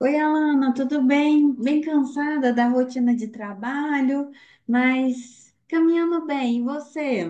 Oi, Alana, tudo bem? Bem cansada da rotina de trabalho, mas caminhando bem. E você?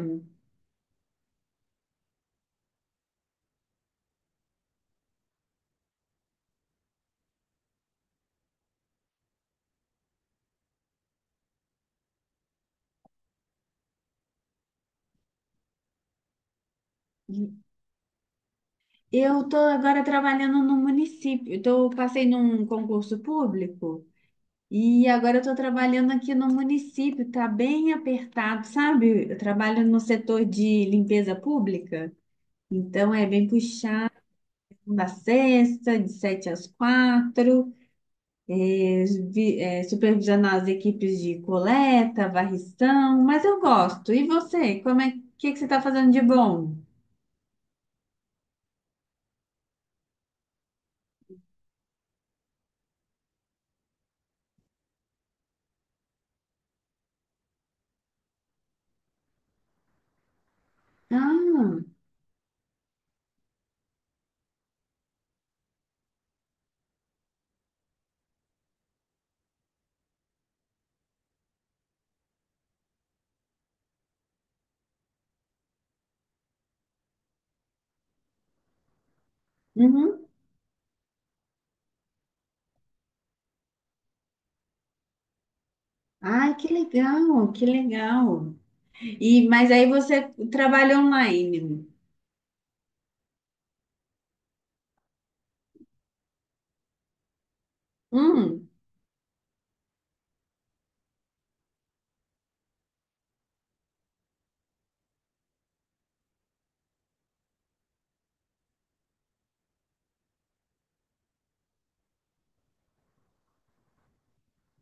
Eu estou agora trabalhando no município. Então, passei num concurso público e agora eu estou trabalhando aqui no município. Está bem apertado, sabe? Eu trabalho no setor de limpeza pública, então é bem puxado. Da sexta, de sete às quatro. eh, Supervisionar as equipes de coleta, varrição, mas eu gosto. E você, como é que você está fazendo de bom? Ah, uhum. Ai, que legal, que legal. E mas aí você trabalha online. Hum,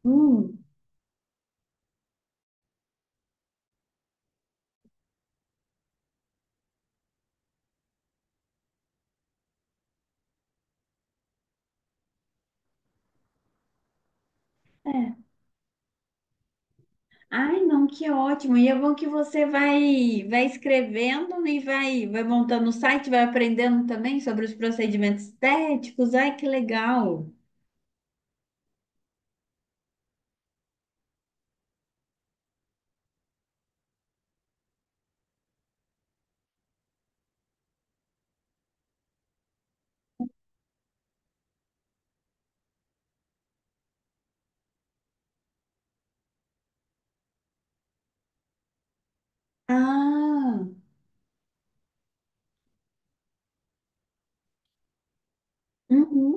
hum. É. Ai, não, que ótimo. E é bom que você vai escrevendo e vai montando o site, vai aprendendo também sobre os procedimentos estéticos. Ai, que legal. Ah, uhum.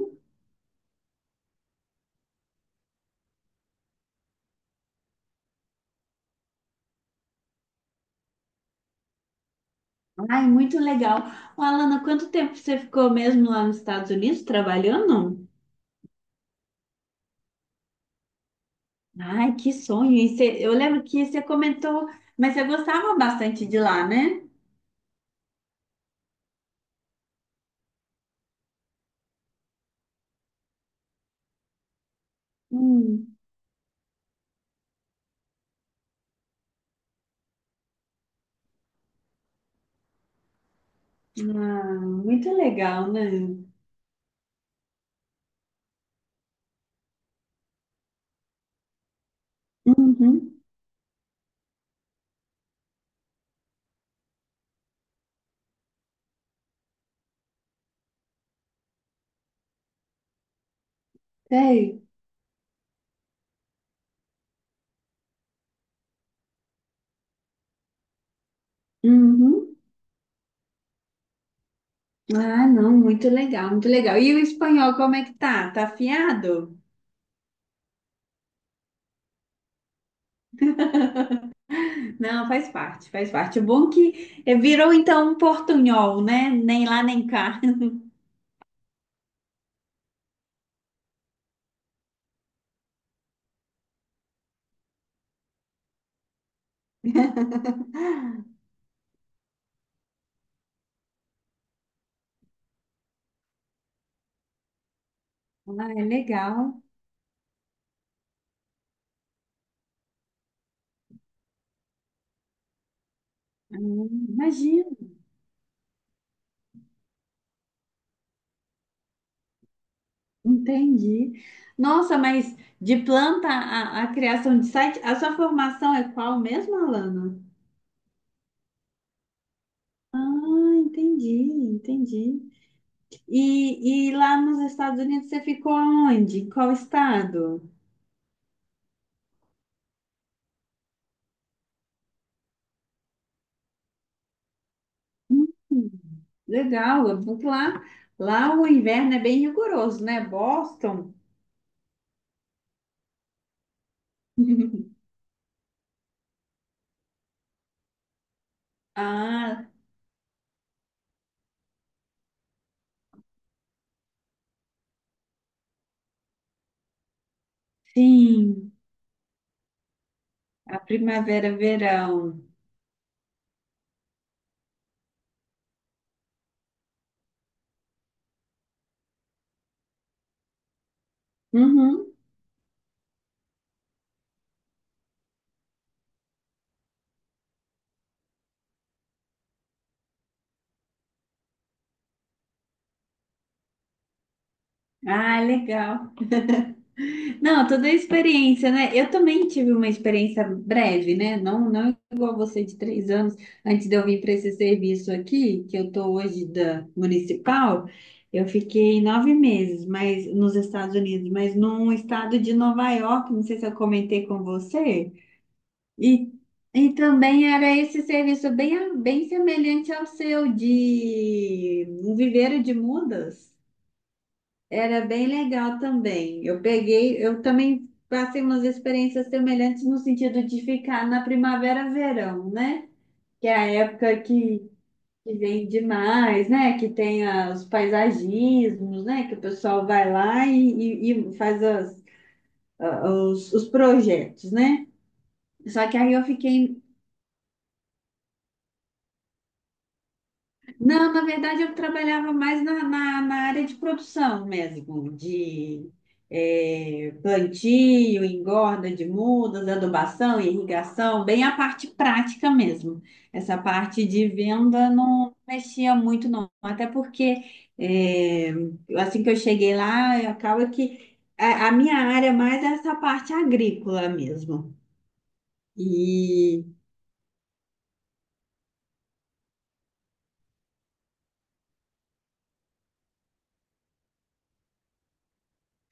Ai, muito legal. Ô, Alana, quanto tempo você ficou mesmo lá nos Estados Unidos trabalhando? Ai, que sonho. Eu lembro que você comentou, mas você gostava bastante de lá, né? Hum. Ah, muito legal, né? Uhum, sei. Uhum. Ah, não, muito legal, muito legal. E o espanhol, como é que tá? Tá afiado? Não, faz parte, faz parte. O bom que virou então um portunhol, né? Nem lá nem cá. Ah, é legal. Imagina. Entendi. Nossa, mas de planta a criação de site, a sua formação é qual mesmo, Alana? Ah, entendi, entendi. E lá nos Estados Unidos você ficou onde? Em qual estado? Hum, Legal, porque lá, lá o inverno é bem rigoroso, né? Boston. Ah, sim, a primavera, verão. Uhum. Ah, legal. Não, toda a experiência, né? Eu também tive uma experiência breve, né? Não, não igual você de 3 anos. Antes de eu vir para esse serviço aqui, que eu estou hoje da municipal, eu fiquei 9 meses, mas nos Estados Unidos, mas num estado de Nova York, não sei se eu comentei com você. E, e também era esse serviço bem, bem semelhante ao seu de um viveiro de mudas. Era bem legal também. Eu peguei, eu também passei umas experiências semelhantes no sentido de ficar na primavera, verão, né? Que é a época que vem demais, né? Que tem os paisagismos, né? Que o pessoal vai lá e, e faz os projetos, né? Só que aí eu fiquei. Não, na verdade eu trabalhava mais na área de produção mesmo, de plantio, engorda de mudas, adubação, irrigação, bem a parte prática mesmo. Essa parte de venda não mexia muito não, até porque eh, assim que eu cheguei lá, acaba que a minha área mais é essa parte agrícola mesmo. E,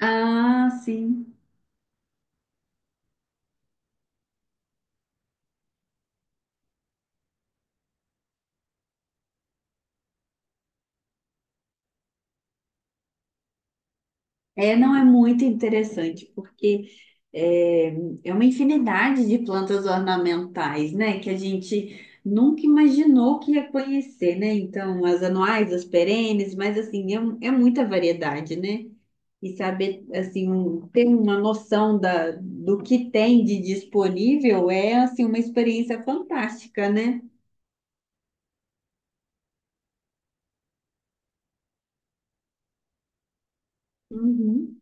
ah, sim. É, não é muito interessante, porque é, é uma infinidade de plantas ornamentais, né? Que a gente nunca imaginou que ia conhecer, né? Então, as anuais, as perenes, mas assim, é, é muita variedade, né? E saber, assim, ter uma noção da, do que tem de disponível é, assim, uma experiência fantástica, né? Uhum.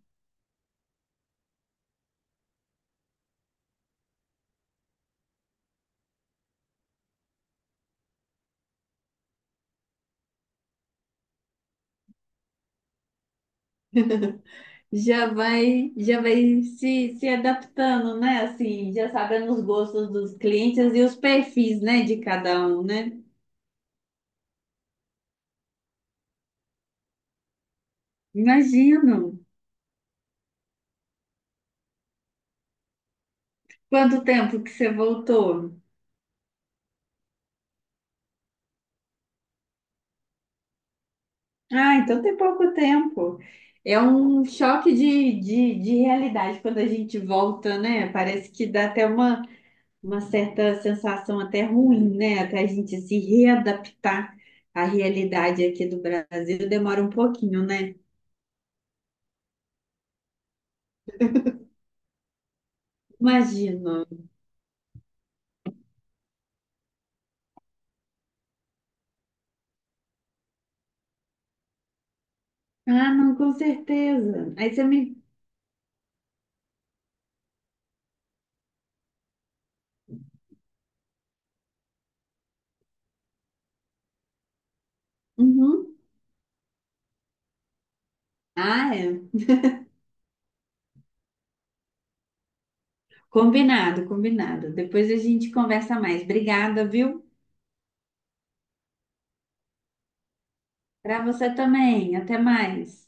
Já vai se adaptando, né? Assim, já sabendo os gostos dos clientes e os perfis, né, de cada um, né? Imagino. Quanto tempo que você voltou? Ah, então tem pouco tempo. É um choque de realidade quando a gente volta, né? Parece que dá até uma certa sensação até ruim, né? Até a gente se readaptar à realidade aqui do Brasil, demora um pouquinho, né? Imagino. Ah, não, com certeza. Aí você me. Uhum. Ah, é. Combinado, combinado. Depois a gente conversa mais. Obrigada, viu? Para você também. Até mais.